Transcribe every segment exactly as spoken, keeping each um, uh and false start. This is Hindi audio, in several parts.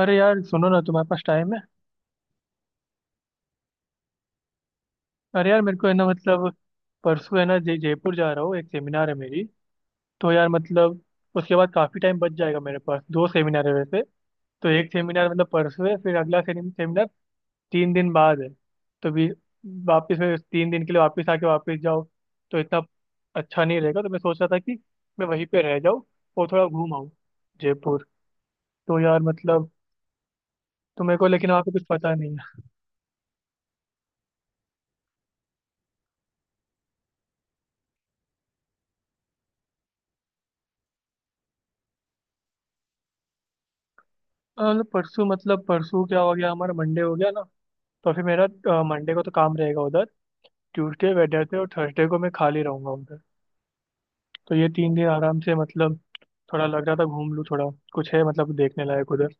अरे यार सुनो ना, तुम्हारे पास टाइम है? अरे यार, मेरे को है ना, मतलब परसों है ना, जय जयपुर जा रहा हूँ। एक सेमिनार है मेरी। तो यार मतलब उसके बाद काफी टाइम बच जाएगा मेरे पास। दो सेमिनार है वैसे। तो एक सेमिनार मतलब परसों है, फिर अगला सेमि- सेमिनार तीन दिन बाद है। तो भी वापस फिर तीन दिन के लिए वापस आके वापस जाओ, तो इतना अच्छा नहीं रहेगा। तो मैं सोच रहा था कि मैं वहीं पे रह जाऊँ और थोड़ा घूम आऊँ जयपुर। तो यार मतलब, तो मेरे को लेकिन वहाँ पे कुछ पता नहीं है। अ, मतलब परसों, मतलब परसों क्या हो गया हमारा, मंडे हो गया ना। तो फिर मेरा मंडे को तो काम रहेगा उधर। ट्यूसडे, वेडनेसडे और थर्सडे को मैं खाली रहूंगा उधर। तो ये तीन दिन आराम से मतलब थोड़ा लग रहा था घूम लूँ थोड़ा। कुछ है मतलब देखने लायक उधर?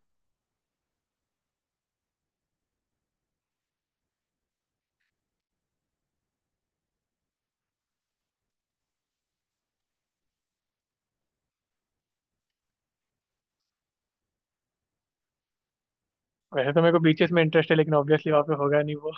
वैसे तो मेरे को बीचेस में इंटरेस्ट है, लेकिन ऑब्वियसली वहाँ पे होगा नहीं वो।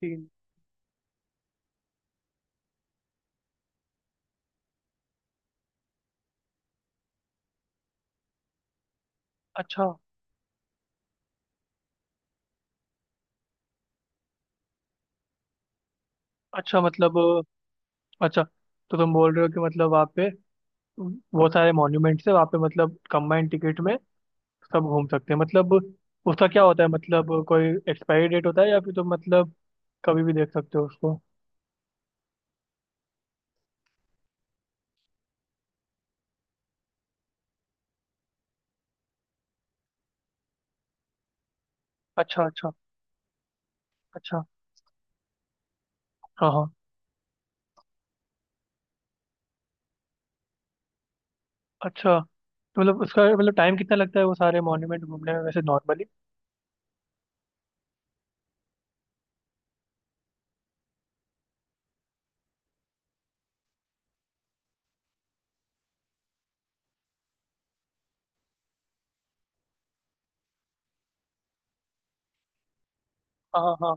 तीन। अच्छा। अच्छा मतलब, अच्छा, तो तुम बोल रहे हो कि मतलब वहाँ पे वो सारे मॉन्यूमेंट्स है वहाँ पे मतलब कंबाइंड टिकट में सब घूम सकते हैं मतलब। उसका क्या होता है मतलब, कोई एक्सपायरी डेट होता है, या फिर तुम मतलब कभी भी देख सकते हो उसको? अच्छा। अच्छा। अच्छा। हाँ हाँ। अच्छा, तो मतलब उसका मतलब टाइम कितना लगता है वो सारे मॉन्यूमेंट घूमने में वैसे नॉर्मली? हाँ हाँ।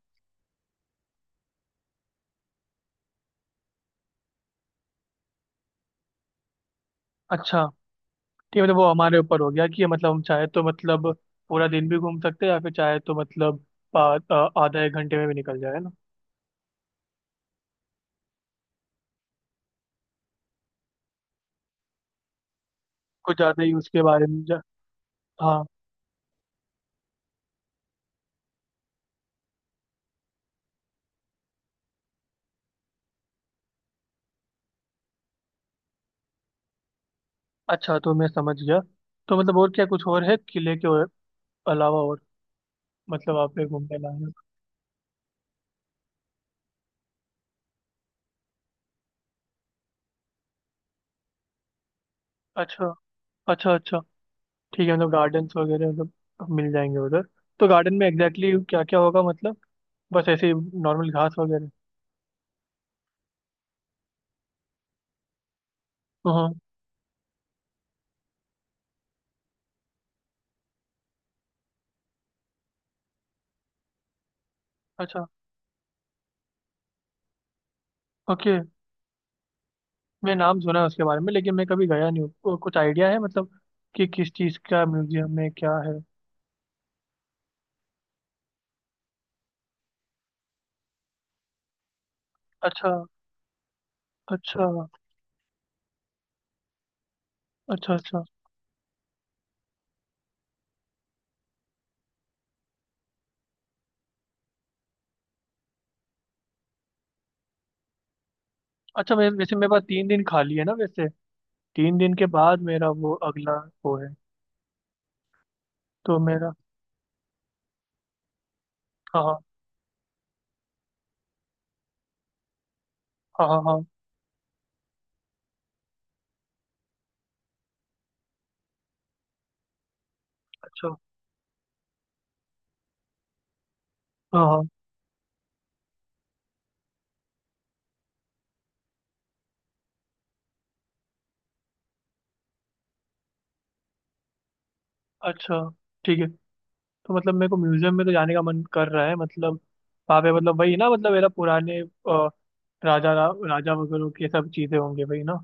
अच्छा। ठीक है, मतलब वो हमारे ऊपर हो गया कि मतलब हम चाहे तो मतलब पूरा दिन भी घूम सकते हैं, या फिर चाहे तो मतलब पा- आ- आधा एक घंटे में भी निकल जाए, है ना? कुछ ज़्यादा ही उसके बारे में जा... हाँ। अच्छा, तो मैं समझ गया। तो मतलब और क्या, कुछ और है किले के और- अलावा और, मतलब आप पे घूमने लाए? अच्छा। अच्छा अच्छा। ठीक है, मतलब गार्डन्स वगैरह मतलब मिल जाएंगे उधर। तो गार्डन में एग्जैक्टली exactly क्या क्या होगा मतलब? बस ऐसे नॉर्मल घास वगैरह? हाँ। अच्छा। ओके। मैं नाम सुना है उसके बारे में, लेकिन मैं कभी गया नहीं हूँ। को- कुछ आइडिया है मतलब कि किस चीज़ का म्यूजियम में क्या है? अच्छा। अच्छा। अच्छा। अच्छा। अच्छा मैं वैसे, मेरे पास तीन दिन खाली है ना वैसे। तीन दिन के बाद मेरा वो अगला वो है। तो मेरा हाँ हाँ। हाँ हाँ हाँ, अच्छा। हाँ हाँ। अच्छा। ठीक है, तो मतलब मेरे को म्यूजियम में तो जाने का मन कर रहा है मतलब। वहाँ पे मतलब वही ना, मतलब मेरा पुराने अ, राजा रा, राजा वगैरह की सब चीज़ें होंगी वही ना?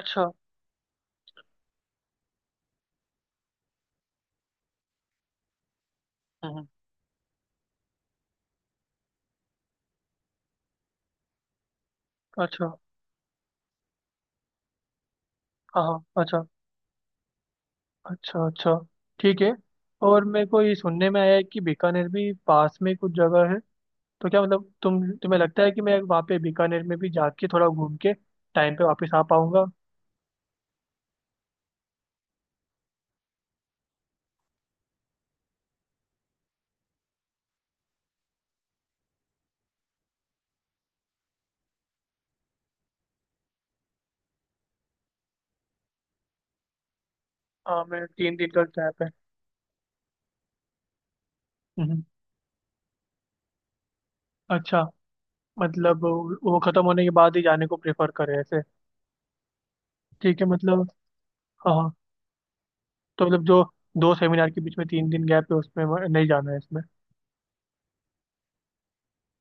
अच्छा। हम्म, अच्छा। हाँ हाँ, अच्छा। अच्छा। अच्छा। ठीक है। और मेरे को ये सुनने में आया है कि बीकानेर भी पास में कुछ जगह है। तो क्या मतलब, तुम तुम्हें लगता है कि मैं वहाँ पे बीकानेर में भी जाके थोड़ा घूम के टाइम पे वापस आ पाऊंगा? हाँ, मेरा तीन दिन का गैप है। हम्म, अच्छा। मतलब वो वो खत्म होने के बाद ही जाने को प्रेफर करें ऐसे? ठीक है मतलब। हाँ हाँ। तो मतलब जो दो सेमिनार के बीच में तीन दिन गैप है उसमें नहीं जाना है इसमें?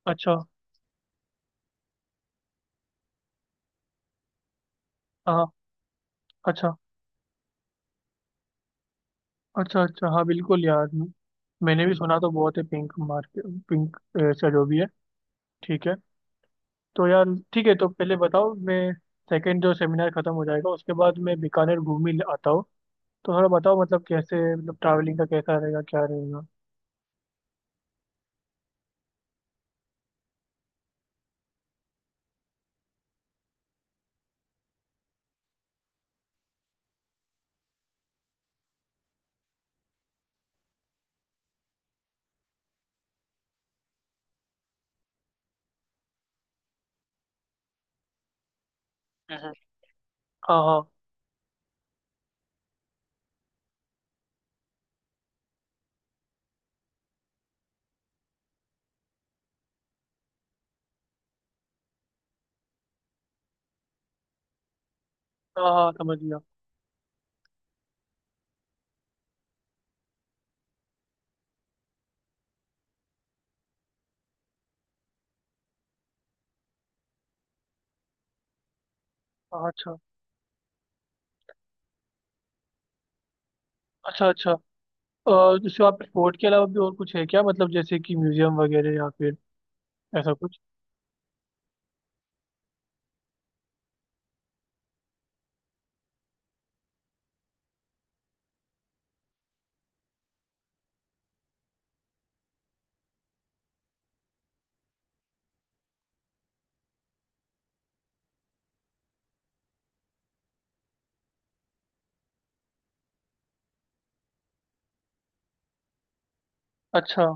अच्छा। हाँ हाँ, अच्छा। अच्छा। अच्छा हाँ, बिल्कुल यार। मैं- मैंने भी सुना तो बहुत है, पिंक मार्केट, पिंक, ऐसा जो भी है। ठीक है। तो यार ठीक है, तो पहले बताओ। मैं सेकंड जो सेमिनार खत्म हो जाएगा उसके बाद मैं बीकानेर घूम ही आता हूँ। तो थोड़ा बताओ मतलब कैसे, मतलब ट्रैवलिंग का कैसा रहेगा, क्या रहेगा? हम्म। हाँ हाँ। हाँ हाँ, समझ गया। हाँ, अच्छा। अच्छा। अच्छा। और जैसे आप स्पोर्ट के अलावा भी और कुछ है क्या, मतलब जैसे कि म्यूजियम वगैरह, या फिर ऐसा कुछ? अच्छा।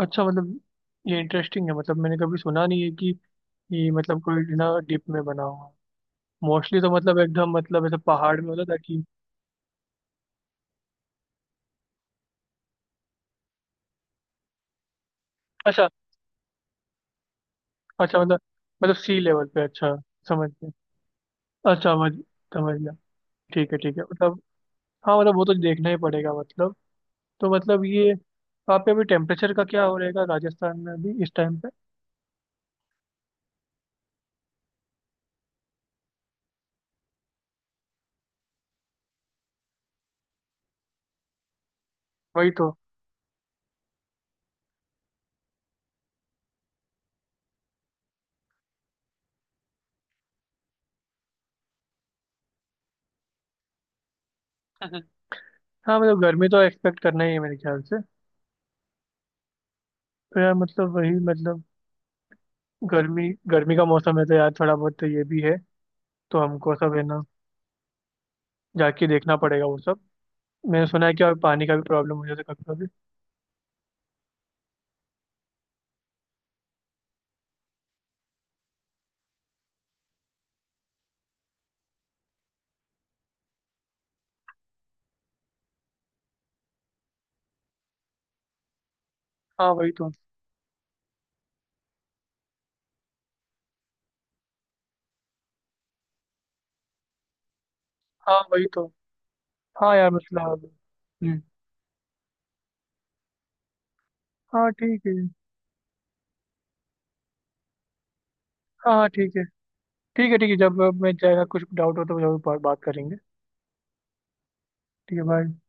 अच्छा मतलब, ये इंटरेस्टिंग है। मतलब मैंने कभी सुना नहीं है कि ये मतलब कोई ना डिप में बना हुआ। मोस्टली तो मतलब एकदम, मतलब ऐसे पहाड़ में होता था कि। अच्छा। अच्छा मतलब, मतलब सी लेवल पे, अच्छा। समझ गया। अच्छा समझ समझ गया। ठीक है, ठीक है मतलब। हाँ मतलब वो तो देखना ही पड़ेगा मतलब। तो मतलब ये वहाँ पे अभी टेम्परेचर का क्या हो रहेगा राजस्थान में अभी इस टाइम पे? वही तो। हम्म। हाँ मतलब गर्मी तो एक्सपेक्ट करना ही है मेरे ख्याल से। तो यार मतलब वही मतलब, गर्मी, गर्मी का मौसम है तो यार थोड़ा बहुत तो ये भी है। तो हमको सब है ना, जाके देखना पड़ेगा वो सब। मैंने सुना है कि और पानी का भी प्रॉब्लम हो जाता है कभी कभी। हाँ वही तो। हाँ वही तो। हाँ यार मतलब। हम्म। हाँ ठीक है। हाँ हाँ ठीक है। ठीक है, ठीक है, जब मैं जाएगा कुछ डाउट हो तो जरूर बात बात करेंगे। ठीक है, बाय।